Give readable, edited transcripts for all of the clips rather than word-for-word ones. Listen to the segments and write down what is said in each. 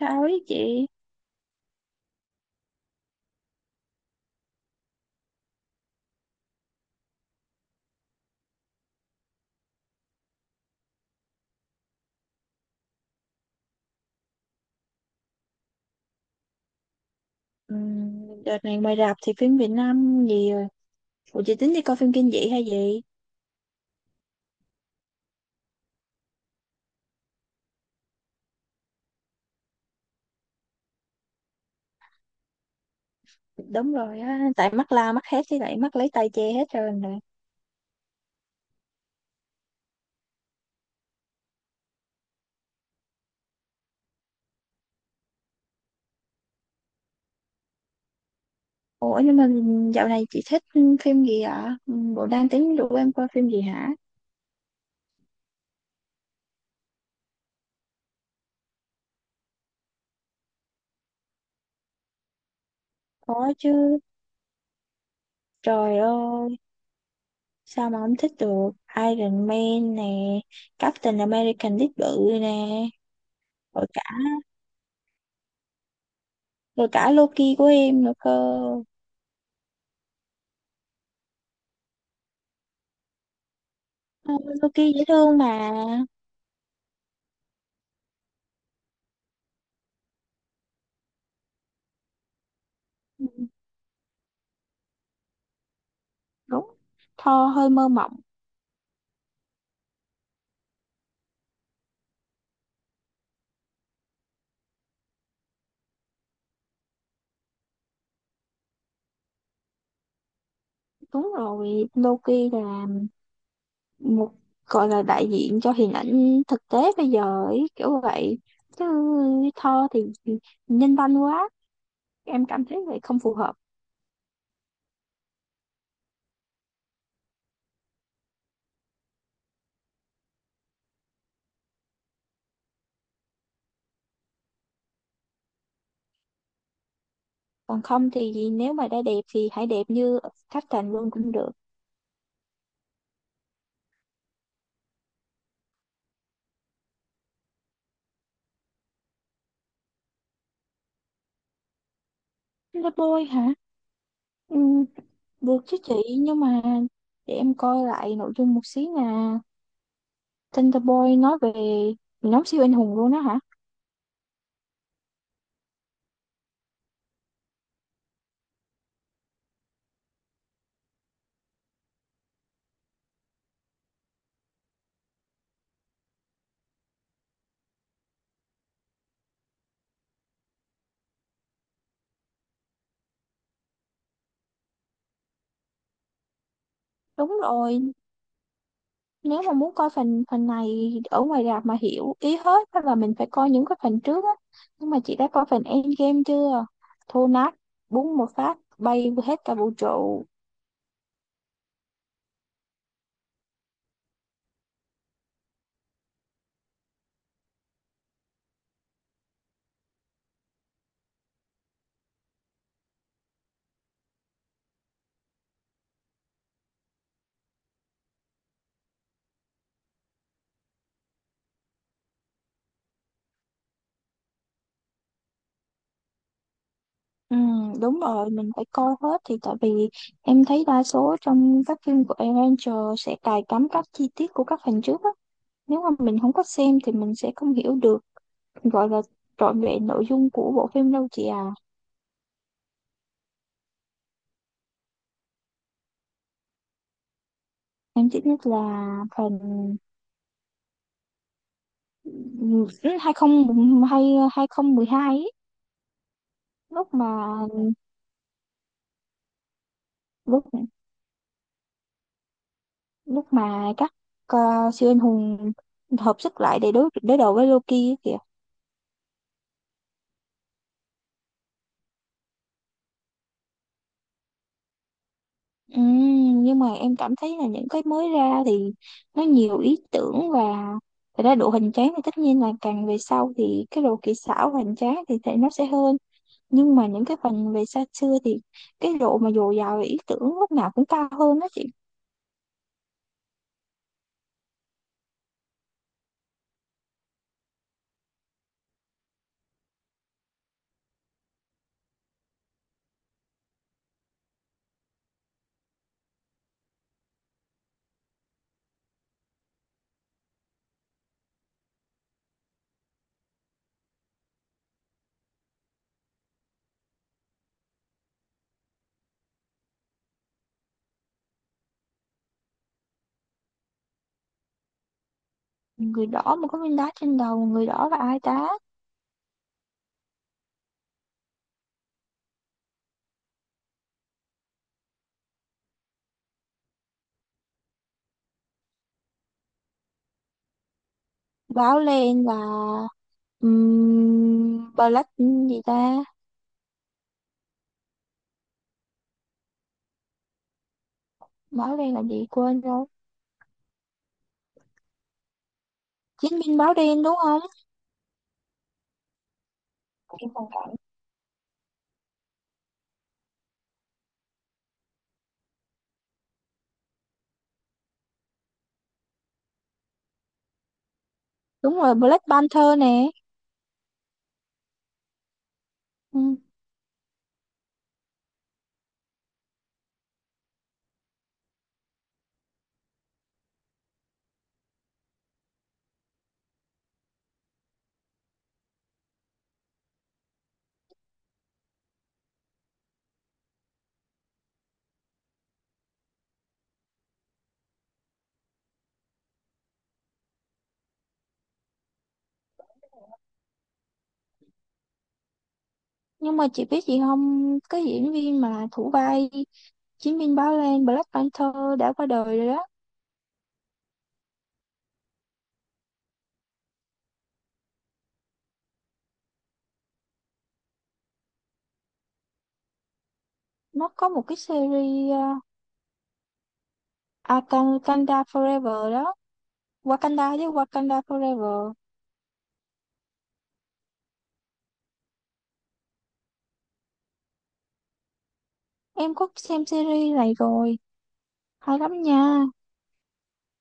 Chào ấy chị. Đợt này ngoài rạp thì phim Việt Nam gì rồi? Ủa chị tính đi coi phim kinh dị hay gì? Đúng rồi á. Tại mắt la mắt hết thì lại mắt lấy tay che hết rồi nè. Ủa nhưng mà dạo này chị thích phim gì ạ? Bộ đang tính rủ em coi phim gì hả? Có chứ. Trời ơi, sao mà không thích được? Iron Man nè, Captain American đít bự nè. Rồi cả Rồi cả Loki của em nữa cơ. Ờ, Loki dễ thương mà. Đúng, Thor hơi mơ mộng. Đúng rồi, Loki là một, gọi là đại diện cho hình ảnh thực tế bây giờ ấy, kiểu vậy. Chứ Thor thì nhân văn quá, em cảm thấy vậy không phù hợp. Còn không thì nếu mà đã đẹp thì hãy đẹp như Captain luôn cũng được. Là bôi hả? Ừ, được chứ chị, nhưng mà để em coi lại nội dung một xí. Là Thunderbolt nói về nhóm siêu anh hùng luôn đó hả? Đúng rồi, nếu mà muốn coi phần phần này ở ngoài rạp mà hiểu ý hết hay là mình phải coi những cái phần trước á. Nhưng mà chị đã coi phần Endgame chưa? Thô nát, búng một phát bay hết cả vũ trụ. Ừ, đúng rồi, mình phải coi hết. Thì tại vì em thấy đa số trong các phim của Avenger sẽ cài cắm các chi tiết của các phần trước á, nếu mà mình không có xem thì mình sẽ không hiểu được, gọi là trọn vẹn nội dung của bộ phim đâu chị à. Em chỉ biết là phần hai không hai, hai không mười hai ấy, lúc mà lúc lúc mà các ờ, siêu anh hùng hợp sức lại để đối đối đầu với Loki ấy kìa. Nhưng mà em cảm thấy là những cái mới ra thì nó nhiều ý tưởng, và thật ra độ hoành tráng thì tất nhiên là càng về sau thì cái độ kỹ xảo hoành tráng thì nó sẽ hơn. Nhưng mà những cái phần về xa xưa thì cái độ mà dồi dào về ý tưởng lúc nào cũng cao hơn đó chị. Người đỏ mà có viên đá trên đầu, người đỏ là ai ta? Báo lên là black gì ta? Báo đen là gì quên rồi. Chiến binh báo đen đúng không? Đúng rồi, Black Panther nè. Ừ. Nhưng mà chị biết gì không, cái diễn viên mà thủ vai chiến binh báo đen, Black Panther, đã qua đời rồi đó. Nó có một cái series Wakanda, Wakanda Forever đó. Wakanda với Wakanda Forever. Em có xem series này rồi, hay lắm nha.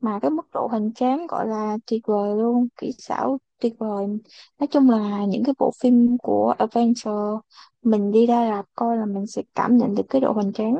Mà cái mức độ hoành tráng gọi là tuyệt vời luôn, kỹ xảo tuyệt vời. Nói chung là những cái bộ phim của Adventure mình đi ra rạp coi là mình sẽ cảm nhận được cái độ hoành tráng.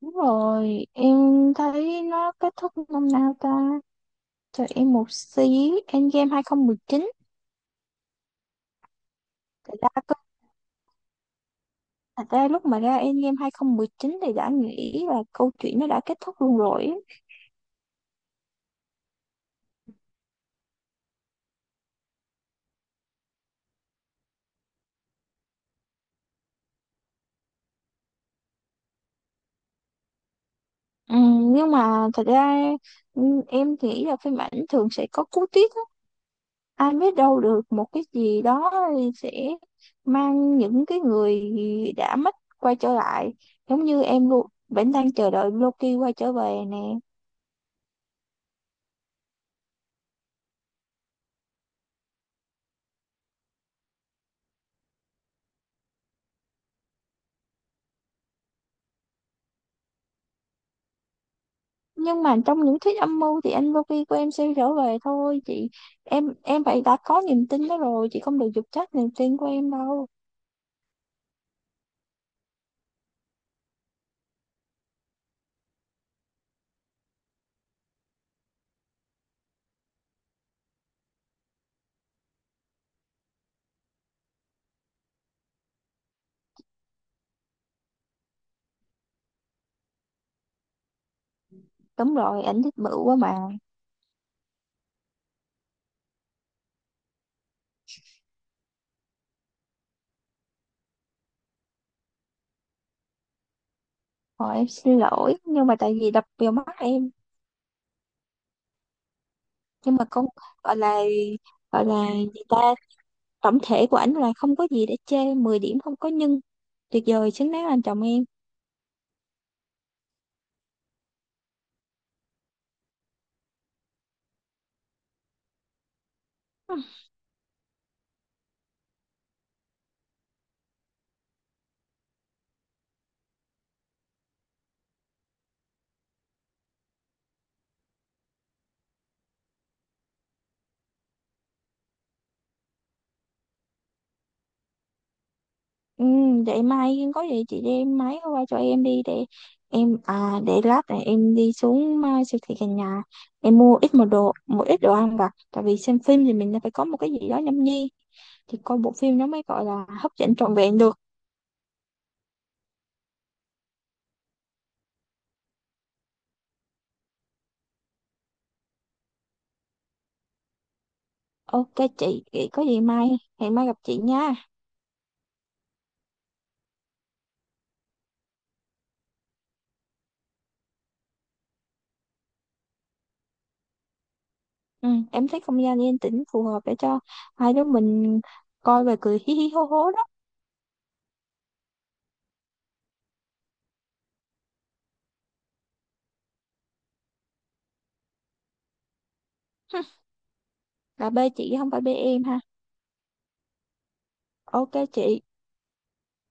Đúng rồi, em thấy nó kết thúc năm nào ta? Cho em một xí. Endgame 2019. Thật ra, thật ra lúc mà ra Endgame 2019 thì đã nghĩ là câu chuyện nó đã kết thúc luôn rồi á. Ừ, nhưng mà thật ra, ừ, em thì ý là phim ảnh thường sẽ có cú twist á. Ai biết đâu được một cái gì đó sẽ mang những cái người đã mất quay trở lại. Giống như em luôn vẫn đang chờ đợi Loki quay trở về nè. Nhưng mà trong những thuyết âm mưu thì anh Loki của em sẽ trở về thôi chị. Em phải đã có niềm tin đó rồi, chị không được dục trách niềm tin của em đâu. Đúng rồi, ảnh thích bự quá mà. Thôi em xin lỗi, nhưng mà tại vì đập vào mắt em. Nhưng mà cũng gọi là, gọi là gì ta tổng thể của ảnh là không có gì để chê, 10 điểm không có nhưng, tuyệt vời, xứng đáng làm chồng em. Ừ, để mai có gì chị đem máy qua cho em đi. Để em à, để lát này em đi xuống à, siêu thị gần nhà, em mua ít một đồ một ít đồ ăn vặt, tại vì xem phim thì mình phải có một cái gì đó nhâm nhi thì coi bộ phim nó mới gọi là hấp dẫn trọn vẹn được. Ok chị, vậy có gì mai, hẹn mai gặp chị nha. Ừ, em thấy không gian yên tĩnh phù hợp để cho hai đứa mình coi và cười hí hí hô hố đó. Là bê chị không phải bê em ha. Ok chị.